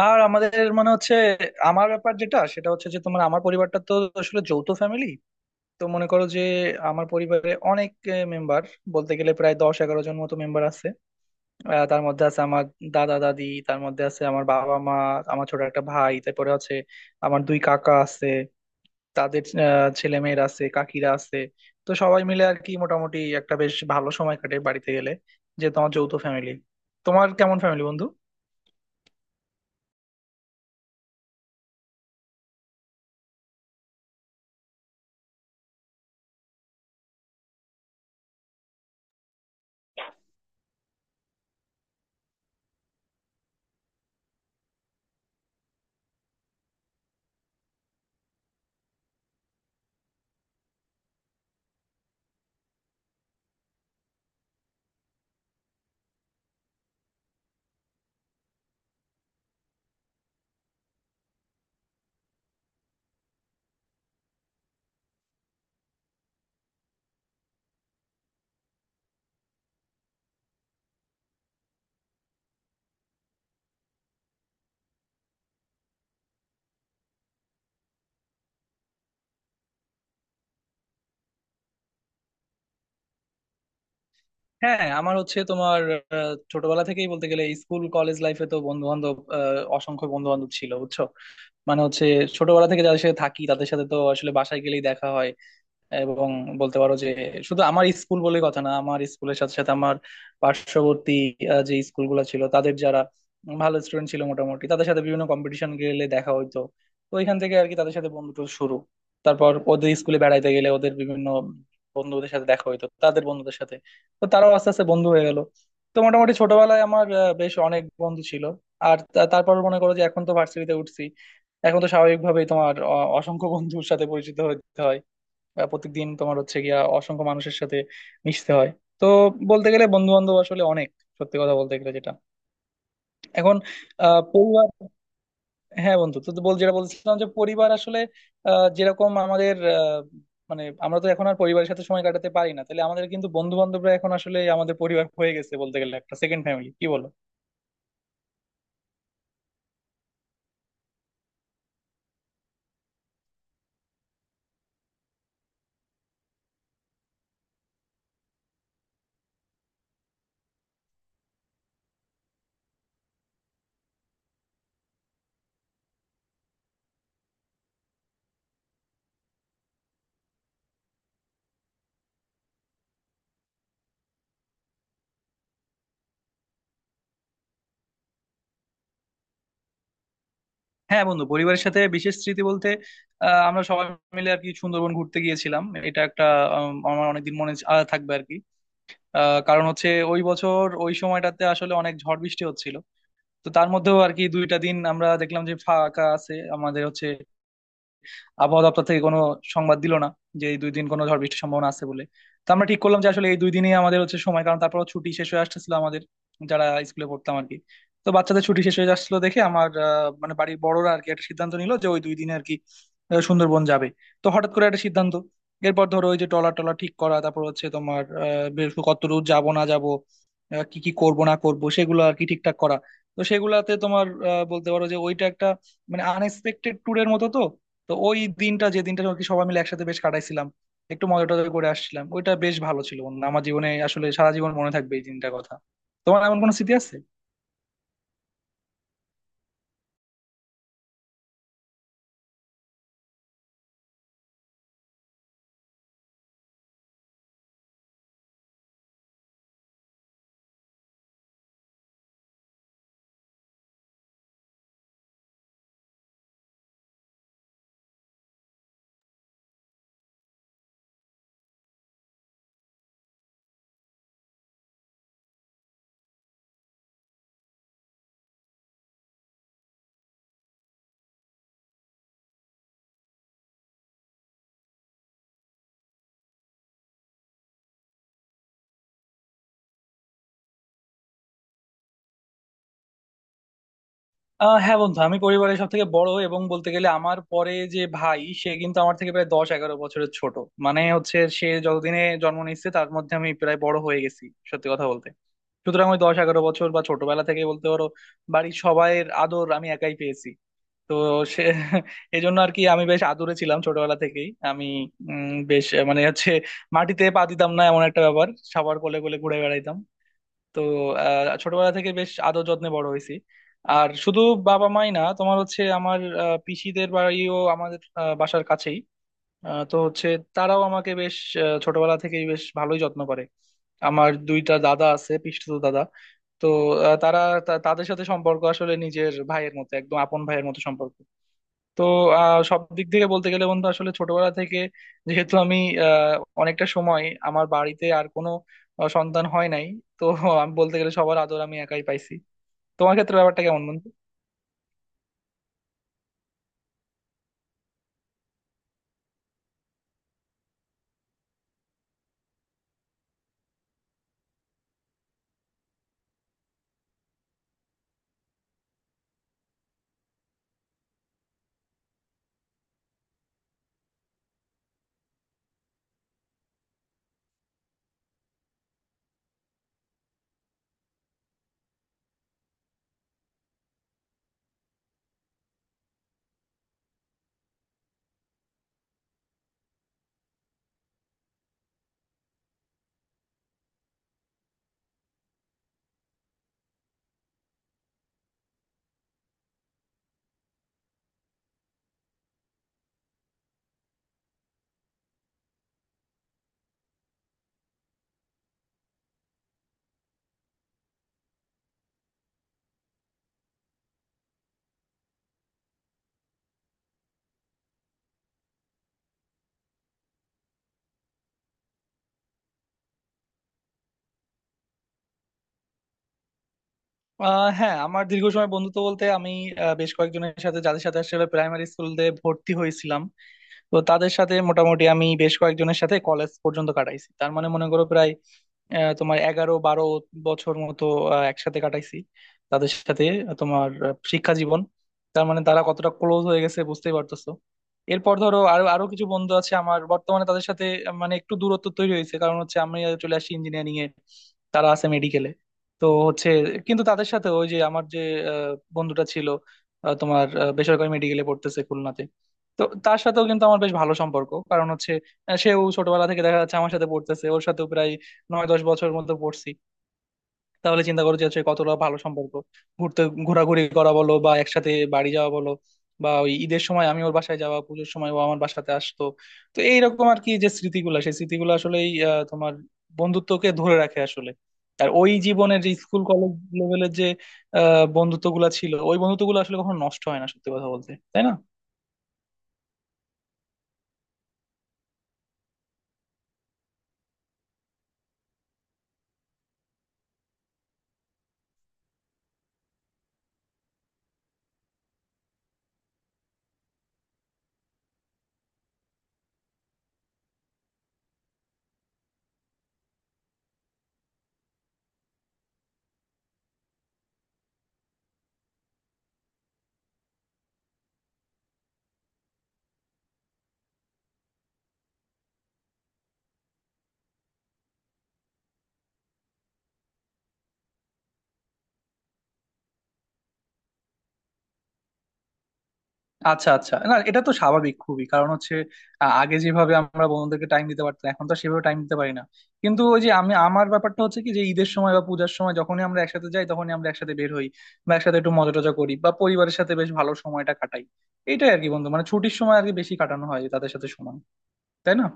আর আমাদের মানে হচ্ছে আমার ব্যাপার যেটা সেটা হচ্ছে যে তোমার আমার পরিবারটা তো আসলে যৌথ ফ্যামিলি। তো মনে করো যে আমার পরিবারে অনেক মেম্বার, বলতে গেলে প্রায় 10-11 জন মতো মেম্বার আছে। তার মধ্যে আছে আমার দাদা দাদি, তার মধ্যে আছে আমার বাবা মা, আমার ছোট একটা ভাই, তারপরে আছে আমার দুই কাকা আছে, তাদের ছেলে মেয়েরা আছে, কাকিরা আছে। তো সবাই মিলে আর কি মোটামুটি একটা বেশ ভালো সময় কাটে বাড়িতে গেলে, যেহেতু আমার যৌথ ফ্যামিলি। তোমার কেমন ফ্যামিলি বন্ধু? হ্যাঁ, আমার হচ্ছে তোমার ছোটবেলা থেকেই বলতে গেলে স্কুল কলেজ লাইফে তো বন্ধু বান্ধব, অসংখ্য বন্ধু বান্ধব ছিল বুঝছো। মানে হচ্ছে ছোটবেলা থেকে যাদের সাথে থাকি তাদের সাথে তো আসলে বাসায় গেলেই দেখা হয়। এবং বলতে পারো যে শুধু আমার স্কুল বলে কথা না, আমার স্কুলের সাথে সাথে আমার পার্শ্ববর্তী যে স্কুলগুলো ছিল তাদের, যারা ভালো স্টুডেন্ট ছিল মোটামুটি তাদের সাথে বিভিন্ন কম্পিটিশন গেলে দেখা হইতো। তো ওইখান থেকে আর কি তাদের সাথে বন্ধুত্ব শুরু। তারপর ওদের স্কুলে বেড়াইতে গেলে ওদের বিভিন্ন বন্ধুদের সাথে দেখা হইতো, তাদের বন্ধুদের সাথে। তো তারাও আস্তে আস্তে বন্ধু হয়ে গেল। তো মোটামুটি ছোটবেলায় আমার বেশ অনেক বন্ধু ছিল। আর তারপর মনে করো যে এখন তো ভার্সিটিতে উঠছি। এখন তো স্বাভাবিকভাবেই তোমার অসংখ্য বন্ধুর সাথে পরিচিত হতে হয়, বা প্রত্যেকদিন তোমার হচ্ছে গিয়া অসংখ্য মানুষের সাথে মিশতে হয়। তো বলতে গেলে বন্ধু বান্ধব আসলে অনেক, সত্যি কথা বলতে গেলে যেটা। এখন পরিবার। হ্যাঁ বন্ধু, তো তো বল, যেটা বলছিলাম যে পরিবার আসলে যেরকম আমাদের, মানে আমরা তো এখন আর পরিবারের সাথে সময় কাটাতে পারি না, তাহলে আমাদের কিন্তু বন্ধু বান্ধবরা এখন আসলে আমাদের পরিবার হয়ে গেছে, বলতে গেলে একটা সেকেন্ড ফ্যামিলি, কি বলো? হ্যাঁ বন্ধু, পরিবারের সাথে বিশেষ স্মৃতি বলতে আমরা সবাই মিলে আর কি সুন্দরবন ঘুরতে গিয়েছিলাম, এটা একটা আমার অনেকদিন মনে থাকবে আর কি। কারণ হচ্ছে ওই বছর ওই সময়টাতে আসলে অনেক ঝড় বৃষ্টি হচ্ছিল। তো তার মধ্যেও আর কি দুইটা দিন আমরা দেখলাম যে ফাঁকা আছে, আমাদের হচ্ছে আবহাওয়া দপ্তর থেকে কোনো সংবাদ দিল না যে এই দুই দিন কোনো ঝড় বৃষ্টির সম্ভাবনা আছে বলে। তো আমরা ঠিক করলাম যে আসলে এই দুই দিনই আমাদের হচ্ছে সময়, কারণ তারপর ছুটি শেষ হয়ে আসতেছিল আমাদের যারা স্কুলে পড়তাম আর কি। তো বাচ্চাদের ছুটি শেষ হয়ে আসছিল দেখে আমার মানে বাড়ির বড়রা আর কি একটা সিদ্ধান্ত নিল যে ওই দুই দিনে আর কি সুন্দরবন যাবে। তো হঠাৎ করে একটা সিদ্ধান্ত। এরপর ধরো ওই যে ট্রলার টলার ঠিক করা, তারপর হচ্ছে তোমার বেশ কত দূর যাবো না যাবো, কি কি করব না করব সেগুলো আর কি ঠিকঠাক করা। তো সেগুলাতে তোমার বলতে পারো যে ওইটা একটা মানে আনএক্সপেক্টেড ট্যুরের মতো। তো তো ওই দিনটা যে দিনটা আর কি সবাই মিলে একসাথে বেশ কাটাইছিলাম, একটু মজা টজা করে আসছিলাম, ওইটা বেশ ভালো ছিল বন্ধু। আমার জীবনে আসলে সারা জীবন মনে থাকবে এই দিনটার কথা। তোমার এমন কোনো স্মৃতি আছে? হ্যাঁ বন্ধু, আমি পরিবারের সব থেকে বড় এবং বলতে গেলে আমার পরে যে ভাই সে কিন্তু আমার থেকে প্রায় 10-11 বছরের ছোট। মানে হচ্ছে সে যতদিনে জন্ম নিচ্ছে তার মধ্যে আমি প্রায় বড় হয়ে গেছি, সত্যি কথা বলতে। সুতরাং ওই 10-11 বছর বা ছোটবেলা থেকে বলতে পারো বাড়ির সবাইয়ের আদর আমি একাই পেয়েছি। তো সে এই জন্য আর কি আমি বেশ আদুরে ছিলাম ছোটবেলা থেকেই। আমি বেশ মানে হচ্ছে মাটিতে পা দিতাম না, এমন একটা ব্যাপার। সবার কোলে কোলে ঘুরে বেড়াইতাম। তো ছোটবেলা থেকে বেশ আদর যত্নে বড় হয়েছি। আর শুধু বাবা মাই না, তোমার হচ্ছে আমার পিসিদের বাড়িও আমাদের বাসার কাছেই। তো হচ্ছে তারাও আমাকে বেশ ছোটবেলা থেকেই বেশ ভালোই যত্ন করে। আমার দুইটা দাদা আছে, পিসতুতো দাদা। তো তারা, তাদের সাথে সম্পর্ক আসলে নিজের ভাইয়ের মতো, একদম আপন ভাইয়ের মতো সম্পর্ক। তো সব দিক থেকে বলতে গেলে বন্ধু আসলে ছোটবেলা থেকে, যেহেতু আমি আহ, অনেকটা সময় আমার বাড়িতে আর কোনো সন্তান হয় নাই। তো আমি বলতে গেলে সবার আদর আমি একাই পাইছি। তোমার ক্ষেত্রে ব্যাপারটা কেমন বন্ধু? হ্যাঁ, আমার দীর্ঘ সময় বন্ধুত্ব বলতে আমি বেশ কয়েকজনের সাথে, যাদের সাথে আসলে প্রাইমারি স্কুলে ভর্তি হয়েছিলাম। তো তাদের সাথে মোটামুটি আমি বেশ কয়েকজনের সাথে কলেজ পর্যন্ত কাটাইছি, তার মানে মনে করো প্রায় তোমার 11-12 বছর মতো একসাথে কাটাইছি তাদের সাথে তোমার শিক্ষা জীবন। তার মানে তারা কতটা ক্লোজ হয়ে গেছে বুঝতেই পারতেছো। এরপর ধরো আরো আরো কিছু বন্ধু আছে আমার বর্তমানে, তাদের সাথে মানে একটু দূরত্ব তৈরি হয়েছে, কারণ হচ্ছে আমি চলে আসি ইঞ্জিনিয়ারিং এ, তারা আছে মেডিকেলে। তো হচ্ছে কিন্তু তাদের সাথে ওই যে আমার যে আহ, বন্ধুটা ছিল, তোমার বেসরকারি মেডিকেলে পড়তেছে খুলনাতে। তো তার সাথেও কিন্তু আমার বেশ ভালো সম্পর্ক, কারণ হচ্ছে সেও ছোটবেলা থেকে দেখা যাচ্ছে আমার সাথে পড়তেছে, ওর সাথেও প্রায় 9-10 বছরের মধ্যে পড়ছি। তাহলে চিন্তা করো যে হচ্ছে কতটা ভালো সম্পর্ক। ঘুরতে ঘোরাঘুরি করা বলো বা একসাথে বাড়ি যাওয়া বলো, বা ওই ঈদের সময় আমি ওর বাসায় যাওয়া, পুজোর সময় ও আমার বাসাতে আসতো। তো এইরকম আর কি যে স্মৃতিগুলা, সেই স্মৃতিগুলো আসলেই তোমার বন্ধুত্বকে ধরে রাখে আসলে। আর ওই জীবনের যে স্কুল কলেজ লেভেলের যে বন্ধুত্ব গুলা ছিল, ওই বন্ধুত্ব গুলো আসলে কখনো নষ্ট হয় না, সত্যি কথা বলতে, তাই না? আচ্ছা আচ্ছা, না এটা তো স্বাভাবিক খুবই, কারণ হচ্ছে আগে যেভাবে আমরা বন্ধুদেরকে টাইম দিতে পারতাম এখন তো আর সেভাবে টাইম দিতে পারি না। কিন্তু ওই যে আমি আমার ব্যাপারটা হচ্ছে কি যে ঈদের সময় বা পূজার সময় যখনই আমরা একসাথে যাই তখনই আমরা একসাথে বের হই, বা একসাথে একটু মজা টজা করি, বা পরিবারের সাথে বেশ ভালো সময়টা কাটাই। এটাই আর কি বন্ধু, মানে ছুটির সময় আর কি বেশি কাটানো হয় তাদের সাথে সময়। তাই না?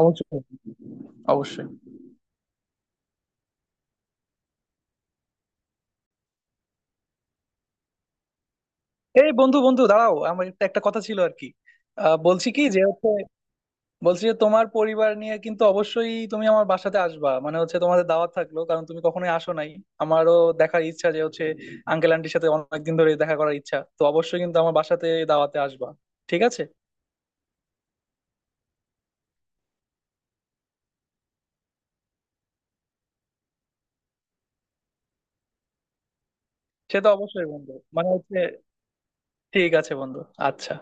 অবশ্যই। অবশ্যই। এই বন্ধু বন্ধু, দাঁড়াও, আমার একটা একটা কথা ছিল আর কি। বলছি কি যে হচ্ছে, বলছি যে তোমার পরিবার নিয়ে, কিন্তু অবশ্যই তুমি আমার বাসাতে আসবা, মানে হচ্ছে তোমাদের দাওয়াত থাকলো, কারণ তুমি কখনোই আসো নাই। আমারও দেখার ইচ্ছা যে হচ্ছে আঙ্কেল আন্টির সাথে অনেকদিন ধরে দেখা করার ইচ্ছা, তো অবশ্যই কিন্তু আমার বাসাতে দাওয়াতে আসবা, ঠিক আছে? সে তো অবশ্যই বন্ধু, মানে হচ্ছে, ঠিক আছে বন্ধু, আচ্ছা।